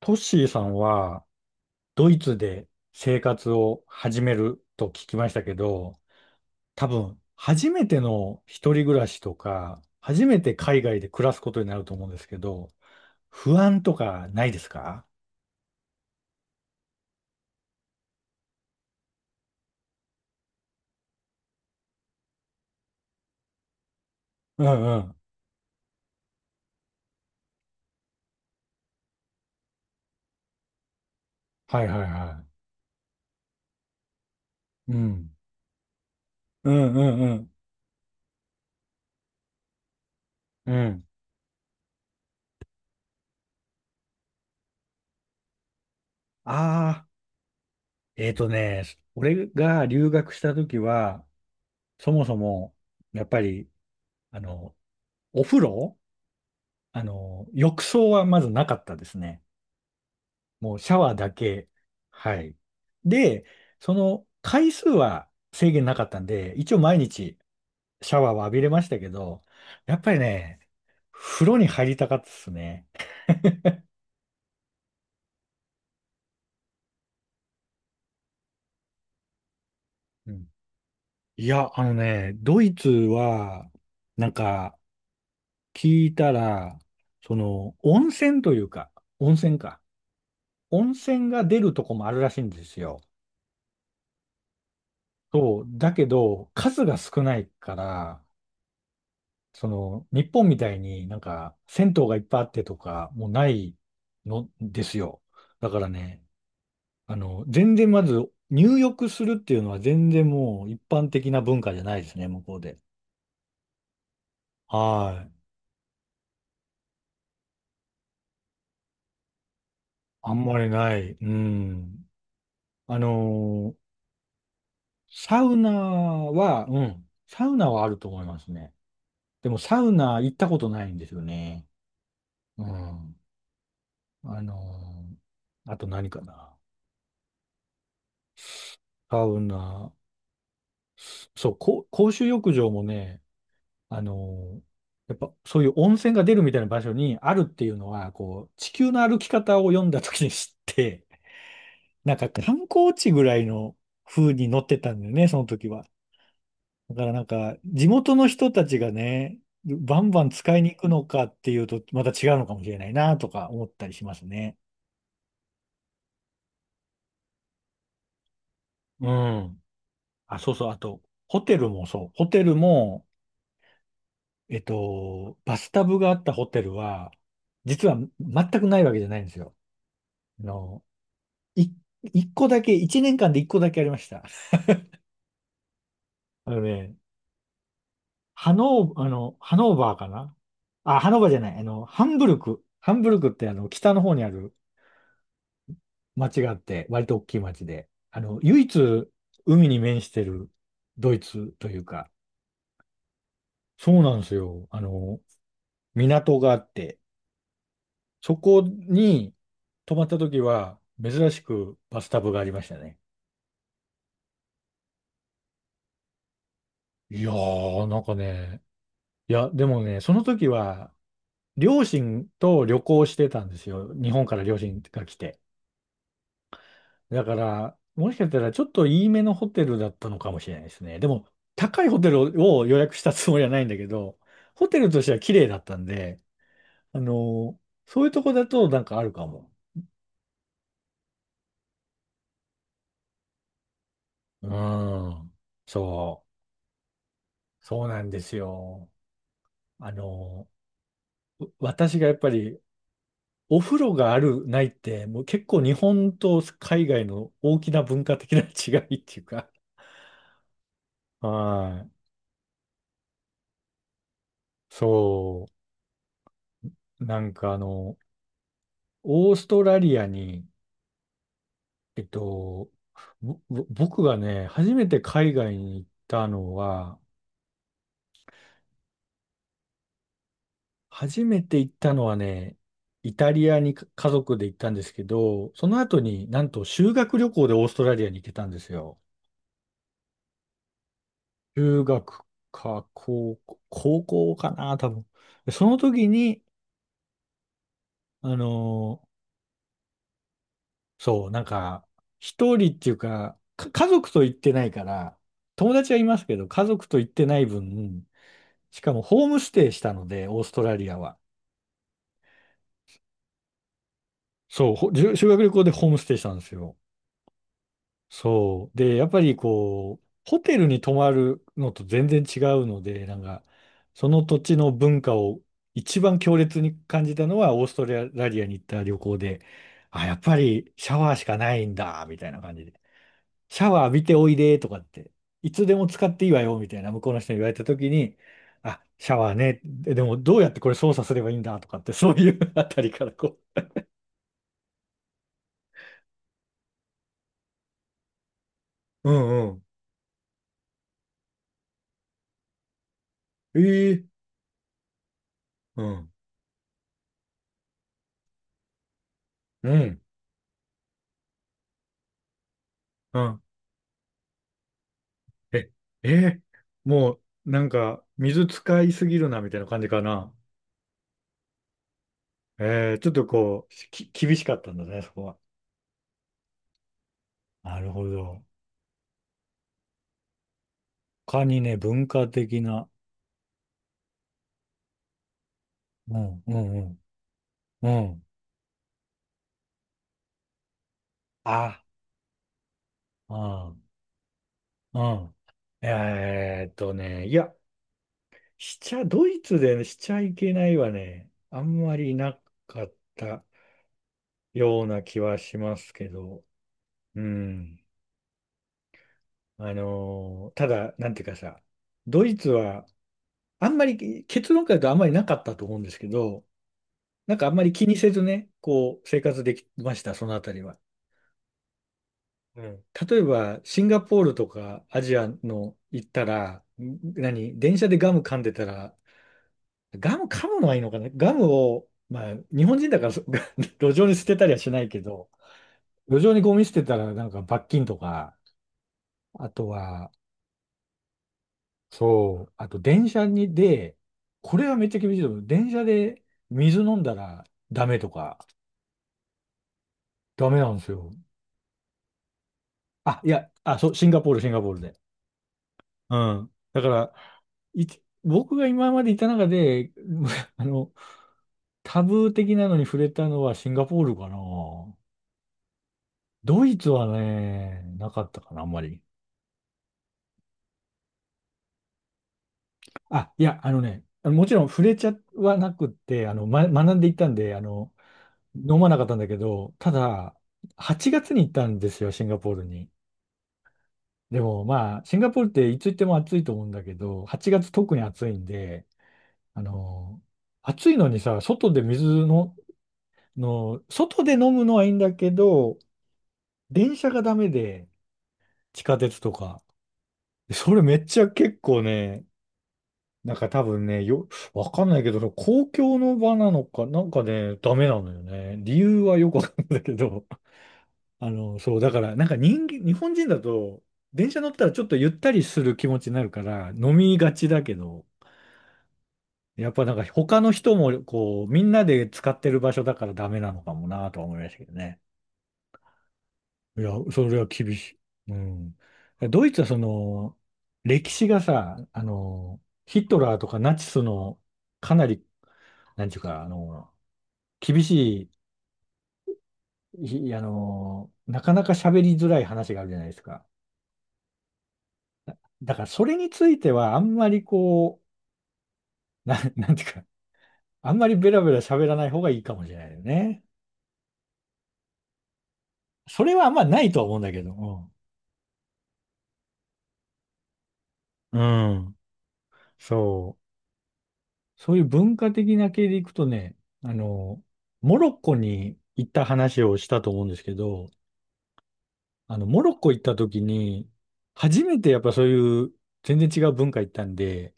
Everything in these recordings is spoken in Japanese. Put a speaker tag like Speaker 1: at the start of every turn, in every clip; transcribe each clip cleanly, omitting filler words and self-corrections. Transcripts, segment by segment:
Speaker 1: トッシーさんはドイツで生活を始めると聞きましたけど、多分初めての一人暮らしとか、初めて海外で暮らすことになると思うんですけど、不安とかないですか？うんうん。はいはいはい。うん。うんうんうん。うん。ああ、えっとね、俺が留学した時は、そもそも、やっぱり、あの、お風呂、浴槽はまずなかったですね。もうシャワーだけ。はい。で、その回数は制限なかったんで、一応毎日シャワーは浴びれましたけど、やっぱりね、風呂に入りたかったですね。うん。いや、ドイツは、なんか、聞いたら、その、温泉というか、温泉か。温泉が出るとこもあるらしいんですよ。そう。だけど、数が少ないから、その、日本みたいになんか、銭湯がいっぱいあってとか、もうないのですよ。だからね、全然まず、入浴するっていうのは全然もう一般的な文化じゃないですね、向こうで。はい。あんまりない。うん。あのーサウナは、うん。サウナはあると思いますね。でもサウナ行ったことないんですよね。うん。あのあと何かな。サウナ。そう、公衆浴場もね、あの、やっぱそういう温泉が出るみたいな場所にあるっていうのは、こう、地球の歩き方を読んだ時に知って、なんか観光地ぐらいの風に乗ってたんだよね、その時は。だからなんか、地元の人たちがね、バンバン使いに行くのかっていうと、また違うのかもしれないなとか思ったりしますね。うん。あ、そうそう。あと、ホテルもそう。ホテルも、バスタブがあったホテルは、実は全くないわけじゃないんですよ。あのい、一個だけ、一年間で一個だけありました。あのね、ハノーバーかな。あ、ハノーバーじゃない、ハンブルク。ハンブルクって北の方にある町があって、割と大きい町で、唯一海に面してるドイツというか、そうなんですよ。港があって、そこに泊まった時は、珍しくバスタブがありましたね。いやー、なんかね、いや、でもね、その時は、両親と旅行してたんですよ。日本から両親が来て。だから、もしかしたらちょっといいめのホテルだったのかもしれないですね。でも、高いホテルを予約したつもりはないんだけど、ホテルとしては綺麗だったんで、あの、そういうとこだとなんかあるかも。うん。そう。そうなんですよ。あの、私がやっぱりお風呂がある、ないって、もう結構日本と海外の大きな文化的な違いっていうか、はい。そう、なんかオーストラリアに、えっと、僕がね、初めて海外に行ったのは、初めて行ったのはね、イタリアにか家族で行ったんですけど、その後になんと修学旅行でオーストラリアに行ってたんですよ。中学か高校、高校かな、多分。でその時に、あのそう、なんか、一人っていうか、家族と行ってないから、友達はいますけど、家族と行ってない分、しかもホームステイしたので、オーストラリアは。そう、修学旅行でホームステイしたんですよ。そう。で、やっぱりこう、ホテルに泊まるのと全然違うので、なんか、その土地の文化を一番強烈に感じたのは、オーストラリアに行った旅行で、あ、やっぱりシャワーしかないんだ、みたいな感じで。シャワー浴びておいでとかって、いつでも使っていいわよみたいな向こうの人に言われた時に、あ、シャワーね、でもどうやってこれ操作すればいいんだとかって、そういう あたりから、こう、うんうん、ええ、うん、うん、うん、え、ええ。もうなんか水使いすぎるなみたいな感じかな。ええ、ちょっとこう、厳しかったんだね、そこは。なるほど。他にね、文化的な、うん、うん、うん、うん、あ、ああ。うん。いや、しちゃ、ドイツでねしちゃいけないはね、あんまりなかったような気はしますけど、うん。ただ、なんていうかさ、ドイツは、あんまり、結論から言うとあんまりなかったと思うんですけど、なんかあんまり気にせずね、こう、生活できました、そのあたりは。うん。例えば、シンガポールとかアジアの行ったら、何、電車でガム噛んでたら、ガム噛むのはいいのかな。ガムを、まあ、日本人だから路上に捨てたりはしないけど、路上にゴミ捨てたらなんか罰金とか、あとは、そう、あと電車にで、これはめっちゃ厳しいと思う。電車で水飲んだらダメとか、ダメなんですよ。あ、いや、あ、そう、シンガポールで。うん。だから、僕が今までいた中で、あの、タブー的なのに触れたのはシンガポールかな。ドイツはね、なかったかな、あんまり。あ、いや、もちろん触れちゃはなくって、ま、学んでいったんで、飲まなかったんだけど、ただ、8月に行ったんですよ、シンガポールに。でも、まあ、シンガポールっていつ行っても暑いと思うんだけど、8月特に暑いんで、あの、暑いのにさ、外で水の、外で飲むのはいいんだけど、電車がダメで、地下鉄とか。それめっちゃ結構ね、なんか多分ね、わかんないけど、その公共の場なのか、なんかね、ダメなのよね。理由はよくわかんないけど、そう、だから、なんか人間、日本人だと、電車乗ったらちょっとゆったりする気持ちになるから、飲みがちだけど、やっぱなんか他の人も、こう、みんなで使ってる場所だからダメなのかもなとは思いましたけどね。いや、それは厳しい。うん。ドイツはその、歴史がさ、ヒトラーとかナチスの、かなり、なんていうか、厳しい、ひあの、なかなか喋りづらい話があるじゃないですか。だからそれについてはあんまりこう、なんていうか、あんまりベラベラ喋らない方がいいかもしれないよね。それはあんまないとは思うんだけど、うん。うん。そう。そういう文化的な系でいくとね、あの、モロッコに行った話をしたと思うんですけど、モロッコ行った時に、初めてやっぱそういう全然違う文化行ったんで、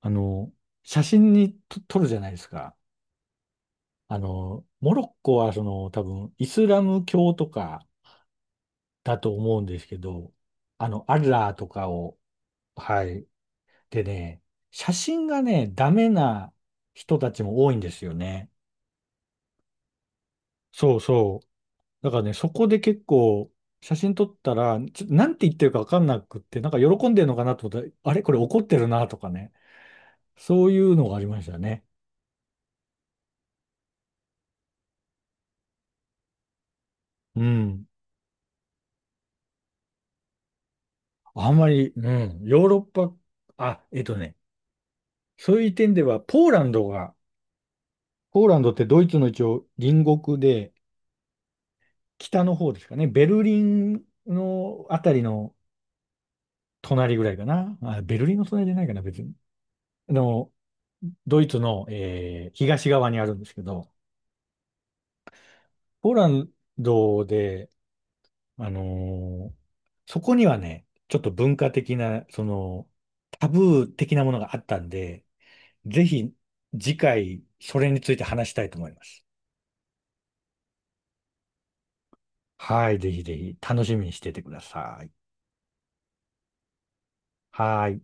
Speaker 1: あの、写真に撮るじゃないですか。モロッコはその多分イスラム教とかだと思うんですけど、アッラーとかを、はい。でね、写真がね、ダメな人たちも多いんですよね。そうそう。だからね、そこで結構写真撮ったら、なんて言ってるかわかんなくって、なんか喜んでるのかなと思ったら、あれこれ怒ってるなとかね。そういうのがありましたね。うん。あんまり、うん、ヨーロッパ、あ、そういう点では、ポーランドってドイツの一応隣国で、北の方ですかね、ベルリンのあたりの隣ぐらいかな。あ、ベルリンの隣じゃないかな、別に。あの、ドイツの、東側にあるんですけど、ポーランドで、あのーそこにはね、ちょっと文化的な、その、タブー的なものがあったんで、ぜひ次回、それについて話したいと思います。はい、ぜひぜひ楽しみにしててください。はい。